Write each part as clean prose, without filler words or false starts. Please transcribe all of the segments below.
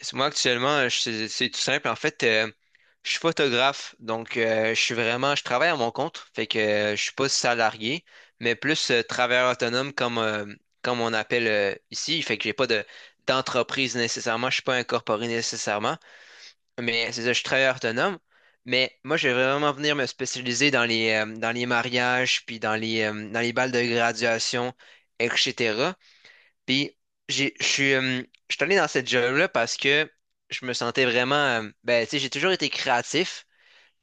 C'est moi, actuellement, c'est tout simple. En fait, je suis photographe, donc je suis vraiment, je travaille à mon compte, fait que je suis pas salarié, mais plus travailleur autonome comme, comme on appelle ici, fait que j'ai pas de d'entreprise nécessairement, je suis pas incorporé nécessairement, mais c'est ça, je suis travailleur autonome. Mais moi, je vais vraiment venir me spécialiser dans les mariages, puis dans les balles de graduation, etc. Puis j'ai, je suis, euh, je suis allé dans cette job-là parce que je me sentais vraiment, ben, tu sais, j'ai toujours été créatif,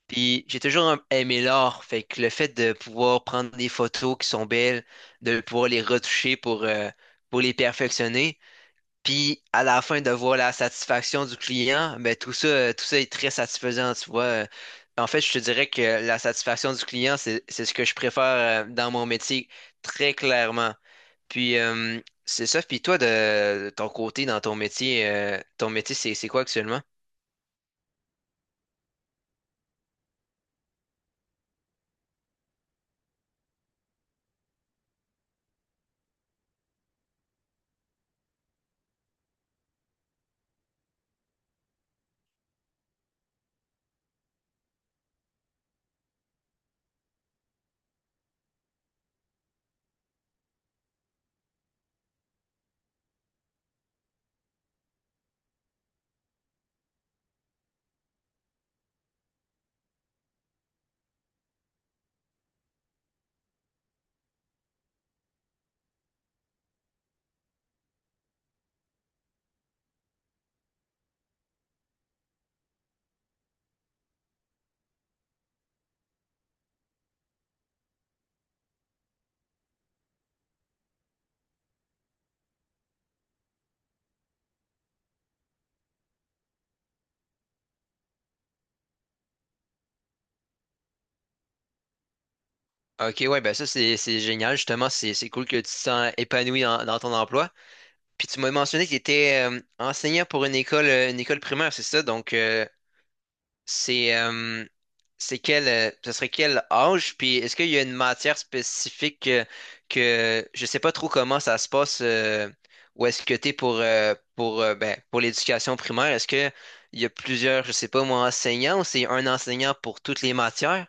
puis j'ai toujours aimé l'art. Fait que le fait de pouvoir prendre des photos qui sont belles, de pouvoir les retoucher pour les perfectionner, puis à la fin de voir la satisfaction du client, ben, tout ça est très satisfaisant, tu vois. En fait, je te dirais que la satisfaction du client, c'est ce que je préfère, dans mon métier, très clairement. Puis c'est ça. Puis toi, de, ton côté, dans ton métier, c'est quoi actuellement? Ok, ouais, ben ça, c'est génial, justement. C'est cool que tu te sens épanoui dans, dans ton emploi. Puis tu m'as mentionné que tu étais enseignant pour une école primaire, c'est ça? Donc, C'est euh, c'est quel ce serait quel âge? Puis est-ce qu'il y a une matière spécifique que je sais pas trop comment ça se passe où est-ce que t'es pour ben, pour l'éducation primaire? Est-ce que il y a plusieurs, je sais pas moi, enseignants ou c'est un enseignant pour toutes les matières?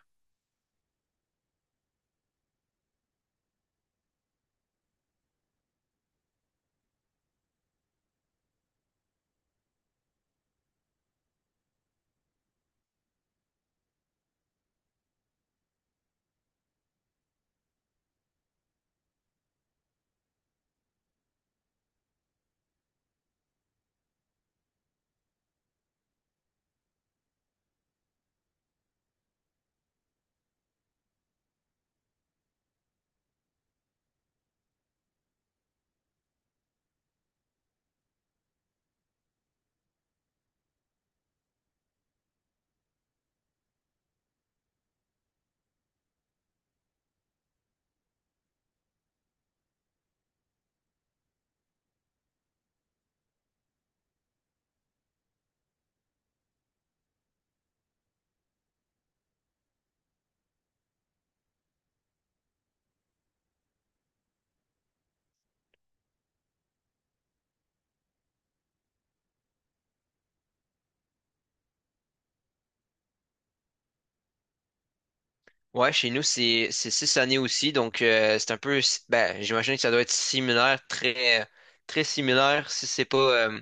Ouais, chez nous, c'est six années aussi, donc c'est un peu, ben, j'imagine que ça doit être similaire, très très similaire, si c'est pas euh,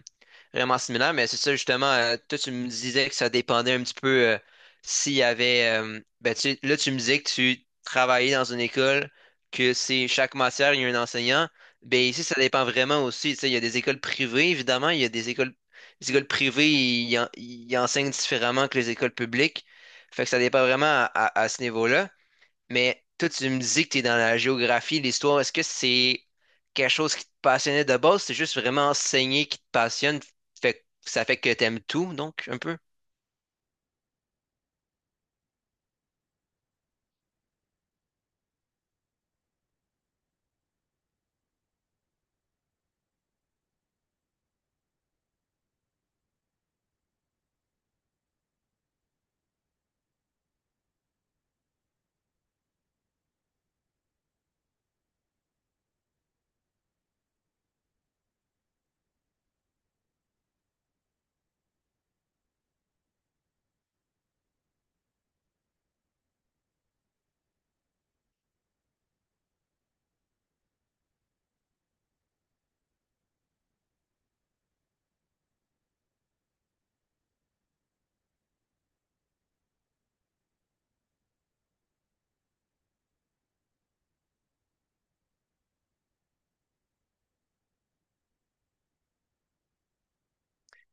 vraiment similaire, mais c'est ça justement. Euh, toi, tu me disais que ça dépendait un petit peu s'il y avait, ben, tu, sais, là, tu me disais que tu travaillais dans une école, que c'est chaque matière il y a un enseignant. Ben ici, ça dépend vraiment aussi. Tu sais, il y a des écoles privées, évidemment, il y a des écoles, les écoles privées, ils enseignent différemment que les écoles publiques. Fait que ça dépend vraiment à, à ce niveau-là. Mais toi, tu me dis que tu es dans la géographie, l'histoire. Est-ce que c'est quelque chose qui te passionnait de base? C'est juste vraiment enseigner qui te passionne. Fait, que ça fait que t'aimes tout, donc, un peu?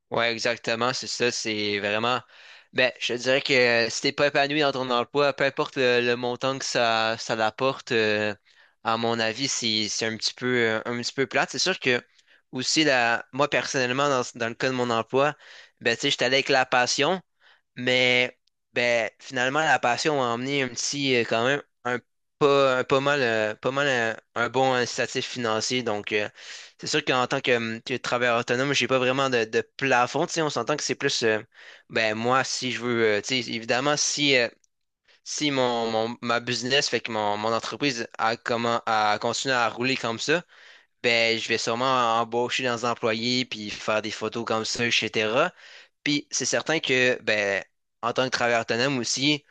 Ouais, exactement. C'est ça. C'est vraiment. Ben, je te dirais que si t'es pas épanoui dans ton emploi, peu importe le montant que ça l'apporte, à mon avis, c'est un petit peu plate. C'est sûr que aussi, la, moi, personnellement, dans, dans le cas de mon emploi, ben, tu sais, j'étais allé avec la passion. Mais ben, finalement, la passion m'a emmené un petit, quand même, un pas mal, pas mal bon incitatif financier. Donc, c'est sûr qu'en tant que travailleur autonome, j'ai pas vraiment de plafond. Tu sais, on s'entend que c'est plus, ben, moi, si je veux, tu sais, évidemment, si, si mon, ma business fait que mon entreprise a, comment, a continué à rouler comme ça, ben, je vais sûrement embaucher des employés puis faire des photos comme ça, etc. Puis c'est certain que, ben, en tant que travailleur autonome aussi,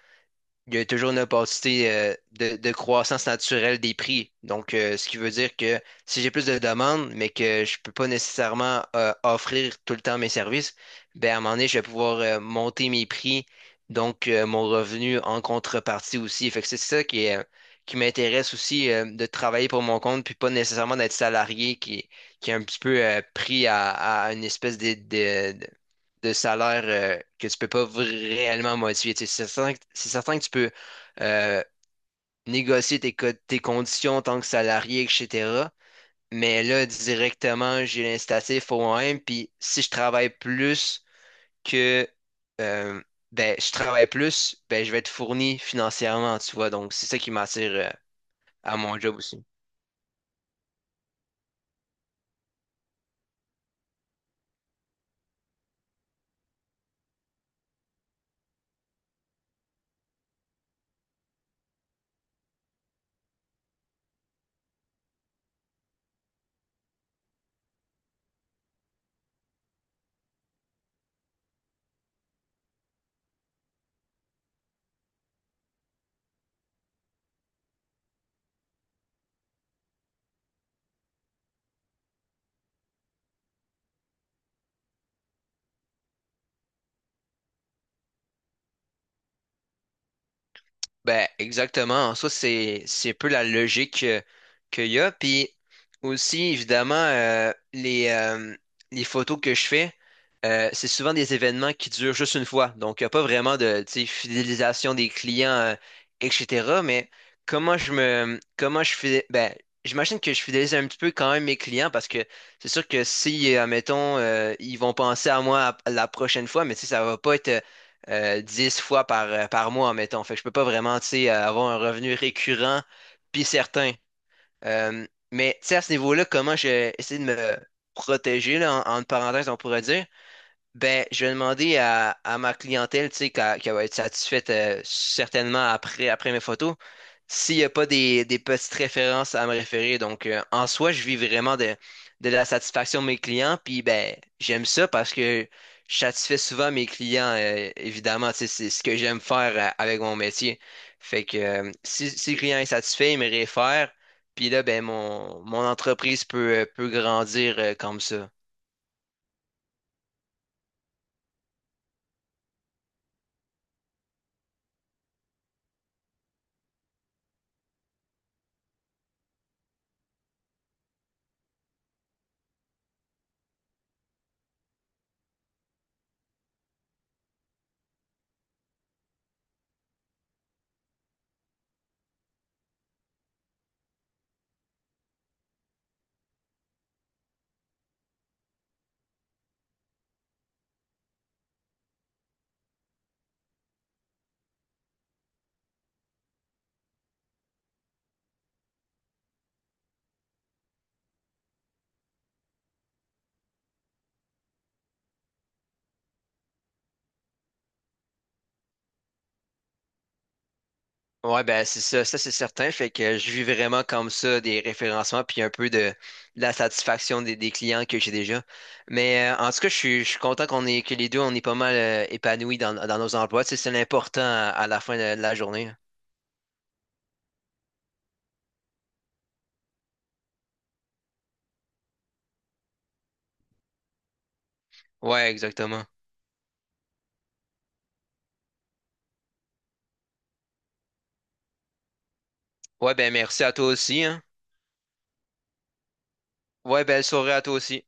il y a toujours une opportunité de croissance naturelle des prix. Donc, ce qui veut dire que si j'ai plus de demandes, mais que je peux pas nécessairement offrir tout le temps mes services, ben, à un moment donné, je vais pouvoir monter mes prix, donc mon revenu en contrepartie aussi. Fait que c'est ça qui est, qui m'intéresse aussi, de travailler pour mon compte, puis pas nécessairement d'être salarié qui est un petit peu pris à une espèce de salaire que tu peux pas réellement modifier. Tu sais, c'est certain, c'est certain que tu peux euh, négocier tes, tes conditions en tant que salarié, etc. Mais là, directement, j'ai l'incitatif au moi-même. Puis si je travaille plus que euh, ben, je travaille plus, ben, je vais être fourni financièrement, tu vois. Donc, c'est ça qui m'attire à mon job aussi. Ben, exactement. En soi, c'est un peu la logique qu'il y a. Puis aussi, évidemment, les photos que je fais, c'est souvent des événements qui durent juste une fois. Donc, il n'y a pas vraiment de, tu sais, fidélisation des clients, etc. Mais comment je fais, ben, j'imagine que je fidélise un petit peu quand même mes clients parce que c'est sûr que si, admettons, ils vont penser à moi la prochaine fois, mais tu sais, ça va pas être 10 fois par, par mois, mettons. Fait que je peux pas vraiment, tu sais, avoir un revenu récurrent puis certain. Euh, mais, tu sais, à ce niveau-là, comment j'ai essayé de me protéger, là, en, entre parenthèses, on pourrait dire, ben, je vais demander à ma clientèle, tu sais, qu'elle va être satisfaite certainement après, après mes photos, s'il n'y a pas des, des petites références à me référer. Donc, en soi, je vis vraiment de la satisfaction de mes clients. Puis, ben, j'aime ça parce que je satisfais souvent mes clients, évidemment. Tu sais, c'est ce que j'aime faire avec mon métier. Fait que si, si le client est satisfait, il me réfère. Puis là, ben, mon entreprise peut, peut grandir comme ça. Ouais, ben c'est ça, ça c'est certain. Fait que je vis vraiment comme ça des référencements puis un peu de la satisfaction des clients que j'ai déjà. Mais en tout cas, je suis content qu'on est que les deux on est pas mal épanouis dans, dans nos emplois. Tu sais, c'est l'important à la fin de la journée. Ouais, exactement. Ouais, ben merci à toi aussi, hein. Ouais, belle soirée à toi aussi.